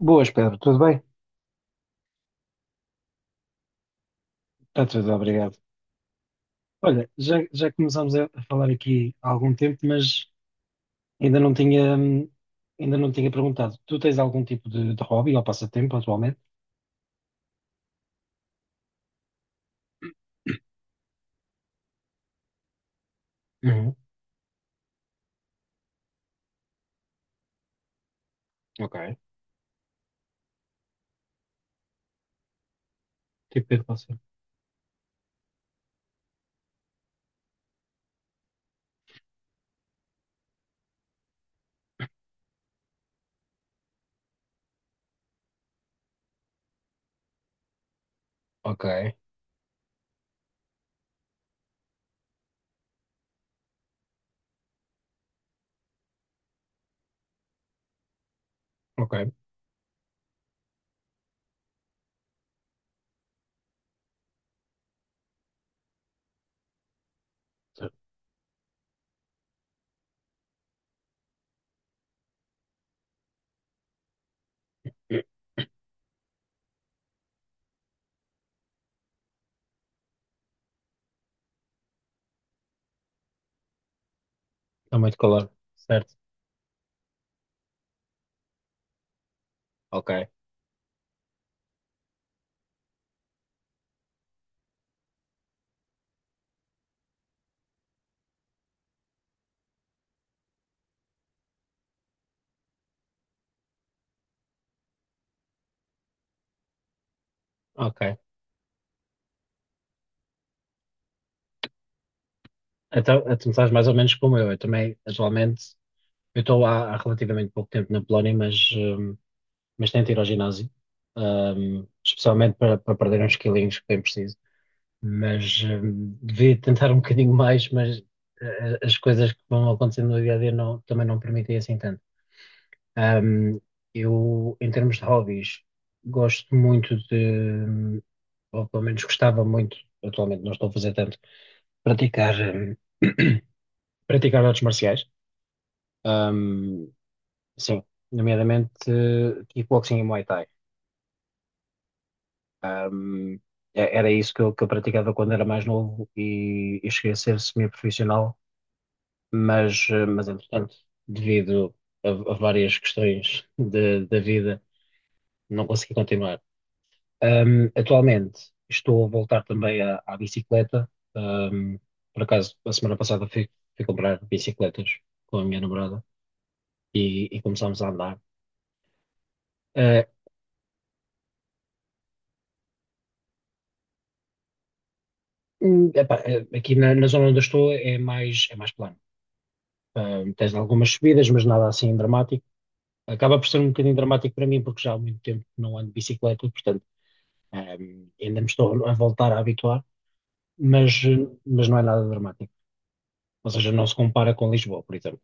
Boas, Pedro, tudo bem? Está tudo, obrigado. Olha, já começámos a falar aqui há algum tempo, mas ainda não tinha, hum, ainda não tinha perguntado. Tu tens algum tipo de hobby ou passatempo atualmente? Uhum. Ok. Tipo de passatempo. Ok, ok. Está muito calor, certo? Ok, ok. Então, tu estás mais ou menos como eu. Eu também, atualmente, eu estou há relativamente pouco tempo na Polónia, mas tento ir ao ginásio, especialmente para perder uns quilinhos que bem preciso. Mas devia tentar um bocadinho mais, mas as coisas que vão acontecendo no dia a dia não, também não permitem assim tanto. Hum, eu, em termos de hobbies, gosto muito de, ou pelo menos gostava muito, atualmente não estou a fazer tanto, praticar, praticar artes marciais. Hum, sim, nomeadamente kickboxing e Muay Thai. Hum, era isso que eu praticava quando era mais novo e cheguei a ser semi-profissional, mas, mas entretanto, devido a várias questões da vida, não consegui continuar. Atualmente estou a voltar também à, à bicicleta. Ahm, por acaso, a semana passada fui, fui comprar bicicletas com a minha namorada e começámos a andar. Ah, epá, aqui na, na zona onde eu estou é mais plano. Tens algumas subidas, mas nada assim dramático. Acaba por ser um bocadinho dramático para mim, porque já há muito tempo que não ando de bicicleta, portanto ainda me estou a voltar a habituar, mas, mas não é nada dramático. Ou seja, não se compara com Lisboa, por exemplo.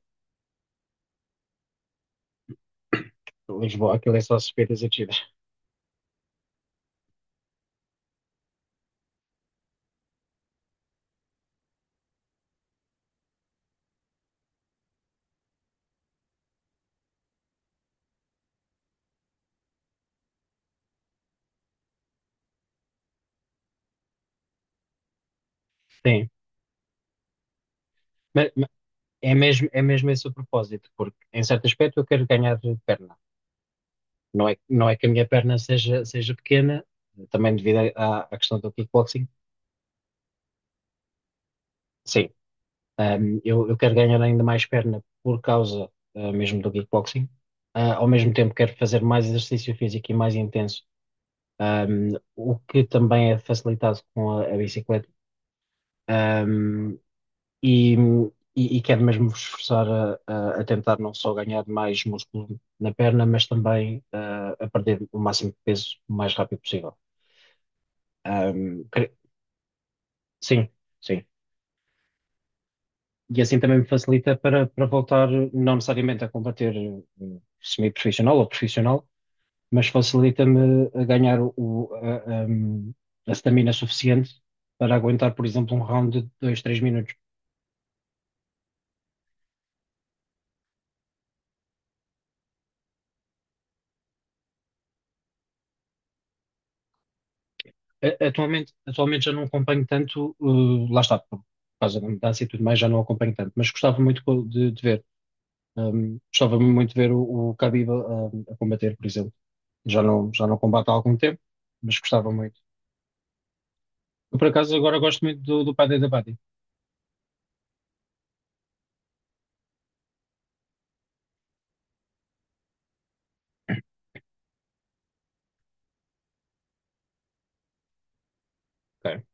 Lisboa, aquilo é só subidas e descidas. Sim, mas é mesmo esse o propósito, porque em certo aspecto eu quero ganhar perna. Não é, não é que a minha perna seja, seja pequena, também devido à, à questão do kickboxing. Sim, eu quero ganhar ainda mais perna por causa mesmo do kickboxing. Ao mesmo tempo quero fazer mais exercício físico e mais intenso, um, o que também é facilitado com a bicicleta. Um, e, e quero mesmo vos esforçar a, a tentar não só ganhar mais músculo na perna, mas também a perder o máximo de peso o mais rápido possível. Um, cre- sim, sim. E assim também me facilita para, para voltar, não necessariamente a combater, semi-profissional ou profissional, mas facilita-me a ganhar o, a, a stamina suficiente para aguentar, por exemplo, um round de 2 3 minutos. Atualmente, atualmente já não acompanho tanto, lá está, por causa da mudança e tudo mais, já não acompanho tanto, mas gostava muito de ver. Gostava muito de ver o Khabib a, combater, por exemplo. Já não combate há algum tempo, mas gostava muito. Eu, por acaso, agora gosto muito do, do Paddy da Baddy. Ok,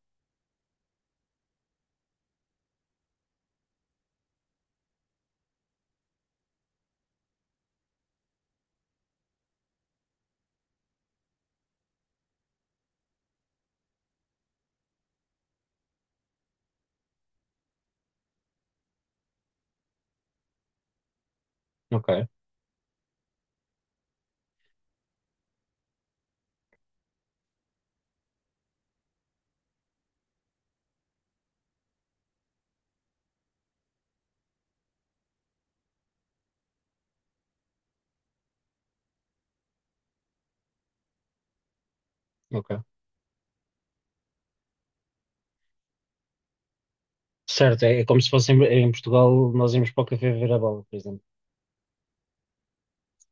ok, ok. Certo, é, é como se fosse em, em Portugal, nós íamos para o café ver a bola, por exemplo.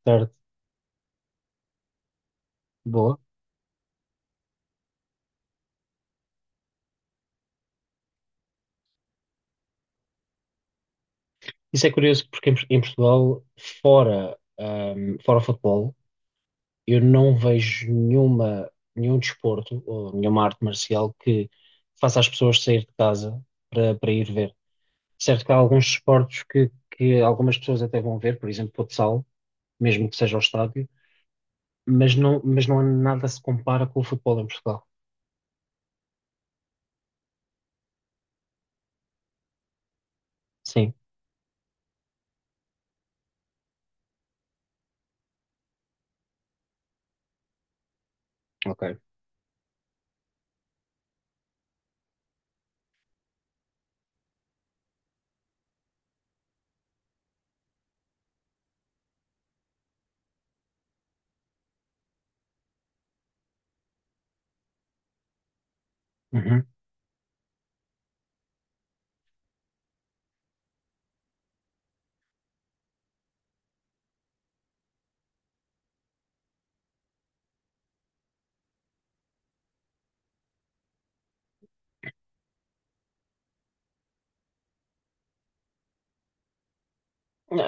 Certo. Boa. Isso é curioso porque em, em Portugal, fora, fora o futebol, eu não vejo nenhuma, nenhum desporto ou nenhuma arte marcial que faça as pessoas sair de casa para, para ir ver. Certo que há alguns desportos que algumas pessoas até vão ver, por exemplo, futsal, mesmo que seja ao estádio, mas não há nada se compara com o futebol em Portugal. Sim, ok. Uhum.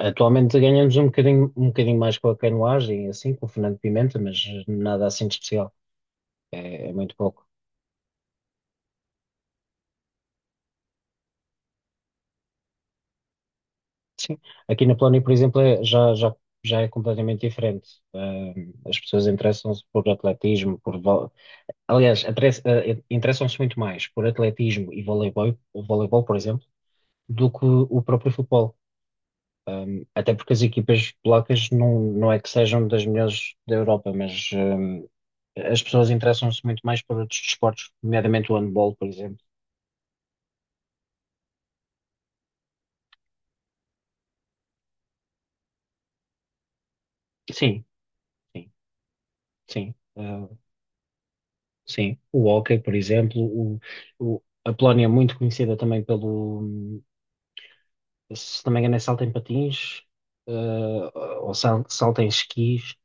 Atualmente ganhamos um bocadinho mais com a canoagem, assim, com o Fernando Pimenta, mas nada assim de especial. É, é muito pouco. Sim. Aqui na Polónia, por exemplo, já, já, já é completamente diferente. As pessoas interessam-se por atletismo, por... vo- Aliás, atres- eh, interessam-se muito mais por atletismo e voleibol, o voleibol, por exemplo, do que o próprio futebol. Até porque as equipas polacas não, não é que sejam das melhores da Europa, mas as pessoas interessam-se muito mais por outros desportos, nomeadamente o handball, por exemplo. Sim, sim, sim. Sim, o hóquei, por exemplo, o, a Polónia é muito conhecida também pelo, se não me engano, é salto em patins, eh, salto em esquis.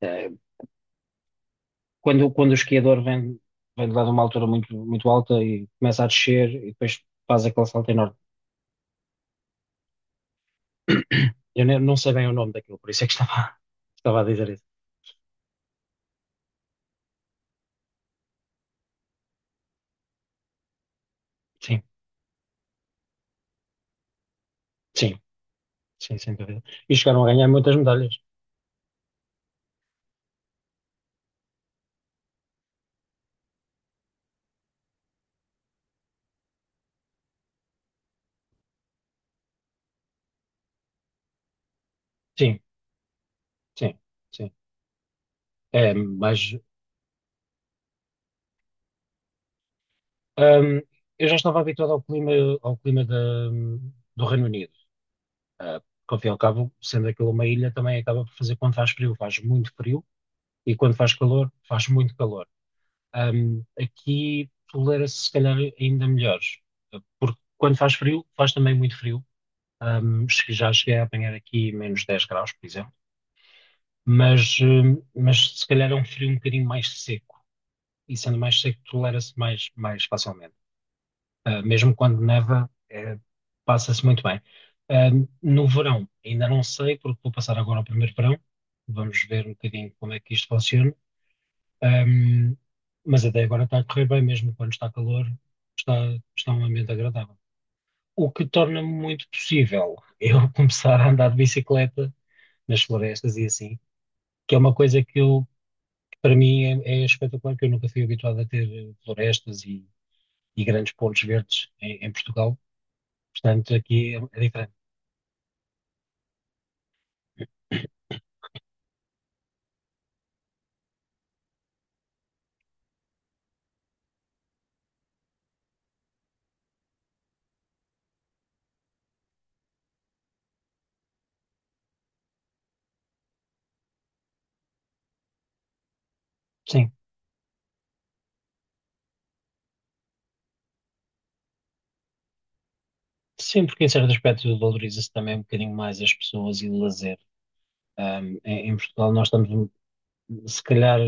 Eh, quando, quando o esquiador vem, vem de lá de uma altura muito, muito alta e começa a descer e depois faz aquele salto enorme. Eu nem- não sei bem o nome daquilo, por isso é que estava, estava a dizer isso. Sim, sim, sim, sem dúvida. E chegaram a ganhar muitas medalhas. Sim, sim, sim. É, mas Ahm, eu já estava habituado ao clima da, do Reino Unido. Ah, porque, ao fim e ao cabo, sendo aquilo uma ilha, também acaba por fazer quando faz frio, faz muito frio, e quando faz calor, faz muito calor. Aqui tolera-se, se calhar, ainda melhores, porque quando faz frio, faz também muito frio. Já cheguei a apanhar aqui -10 graus, por exemplo, mas se calhar é um frio um bocadinho mais seco, e sendo mais seco, tolera-se mais, mais facilmente. Mesmo quando neva, passa-se muito bem. Ah, no verão, ainda não sei, porque vou passar agora ao primeiro verão. Vamos ver um bocadinho como é que isto funciona. Ahm, mas até agora está a correr bem, mesmo quando está calor, está, está um ambiente agradável. O que torna muito possível eu começar a andar de bicicleta nas florestas e assim, que é uma coisa que eu, que para mim é, é espetacular, que eu nunca fui habituado a ter florestas e grandes pontos verdes em em Portugal. Portanto, aqui é é diferente. Sim, sim, porque em certo aspecto valoriza-se também um bocadinho mais as pessoas e o lazer. Em, em Portugal nós estamos, se calhar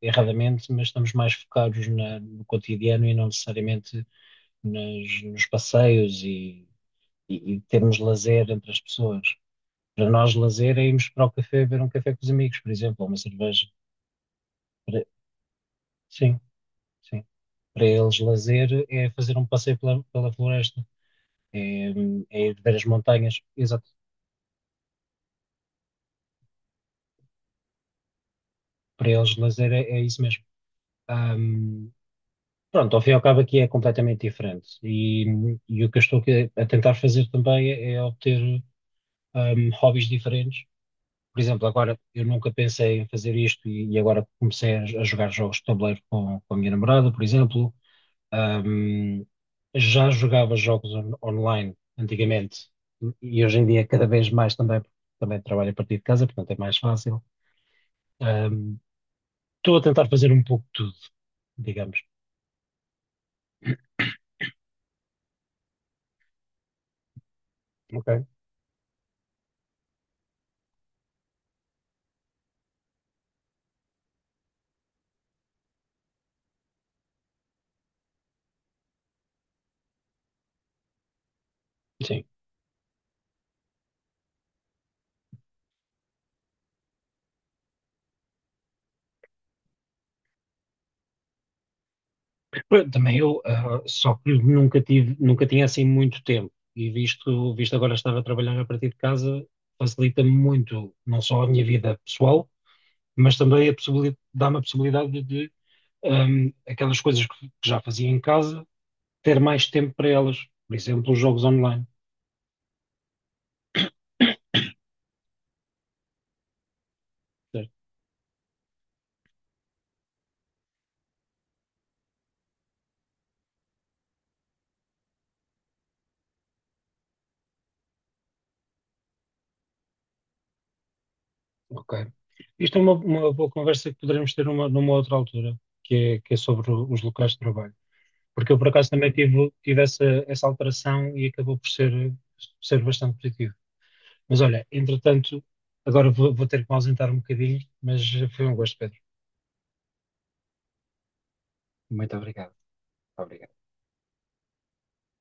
erradamente, mas estamos mais focados no cotidiano e não necessariamente nos passeios e termos lazer entre as pessoas. Para nós, lazer é irmos para o café beber um café com os amigos, por exemplo, ou uma cerveja. Para- sim, sim. Para eles, lazer é fazer um passeio pela, pela floresta, é, é ir ver as montanhas. Para eles lazer é, é isso mesmo. Ahm, pronto, ao fim e ao cabo aqui é completamente diferente. E o que eu estou aqui a tentar fazer também é, é obter hobbies diferentes. Por exemplo, agora eu nunca pensei em fazer isto e agora comecei a jogar jogos de tabuleiro com a minha namorada, por exemplo. Ahm, já jogava jogos online antigamente e hoje em dia cada vez mais também, porque também trabalho a partir de casa, portanto é mais fácil. Ahm, estou a tentar fazer um pouco de tudo, digamos. Ok. Sim. Pá, também eu, só que nunca tive, nunca tinha assim muito tempo. E visto, visto agora estar a trabalhar a partir de casa, facilita muito, não só a minha vida pessoal, mas também a possibilidade, dá-me a possibilidade de, aquelas coisas que já fazia em casa, ter mais tempo para elas. Por exemplo, os jogos online. Certo? Ok. Isto é uma boa conversa que poderemos ter numa, numa outra altura, que é sobre os locais de trabalho. Porque eu, por acaso, também tive, tive essa, essa alteração e acabou por ser, ser bastante positivo. Mas olha, entretanto, agora vou, vou ter que me ausentar um bocadinho, mas foi um gosto, Pedro. Muito obrigado. Obrigado.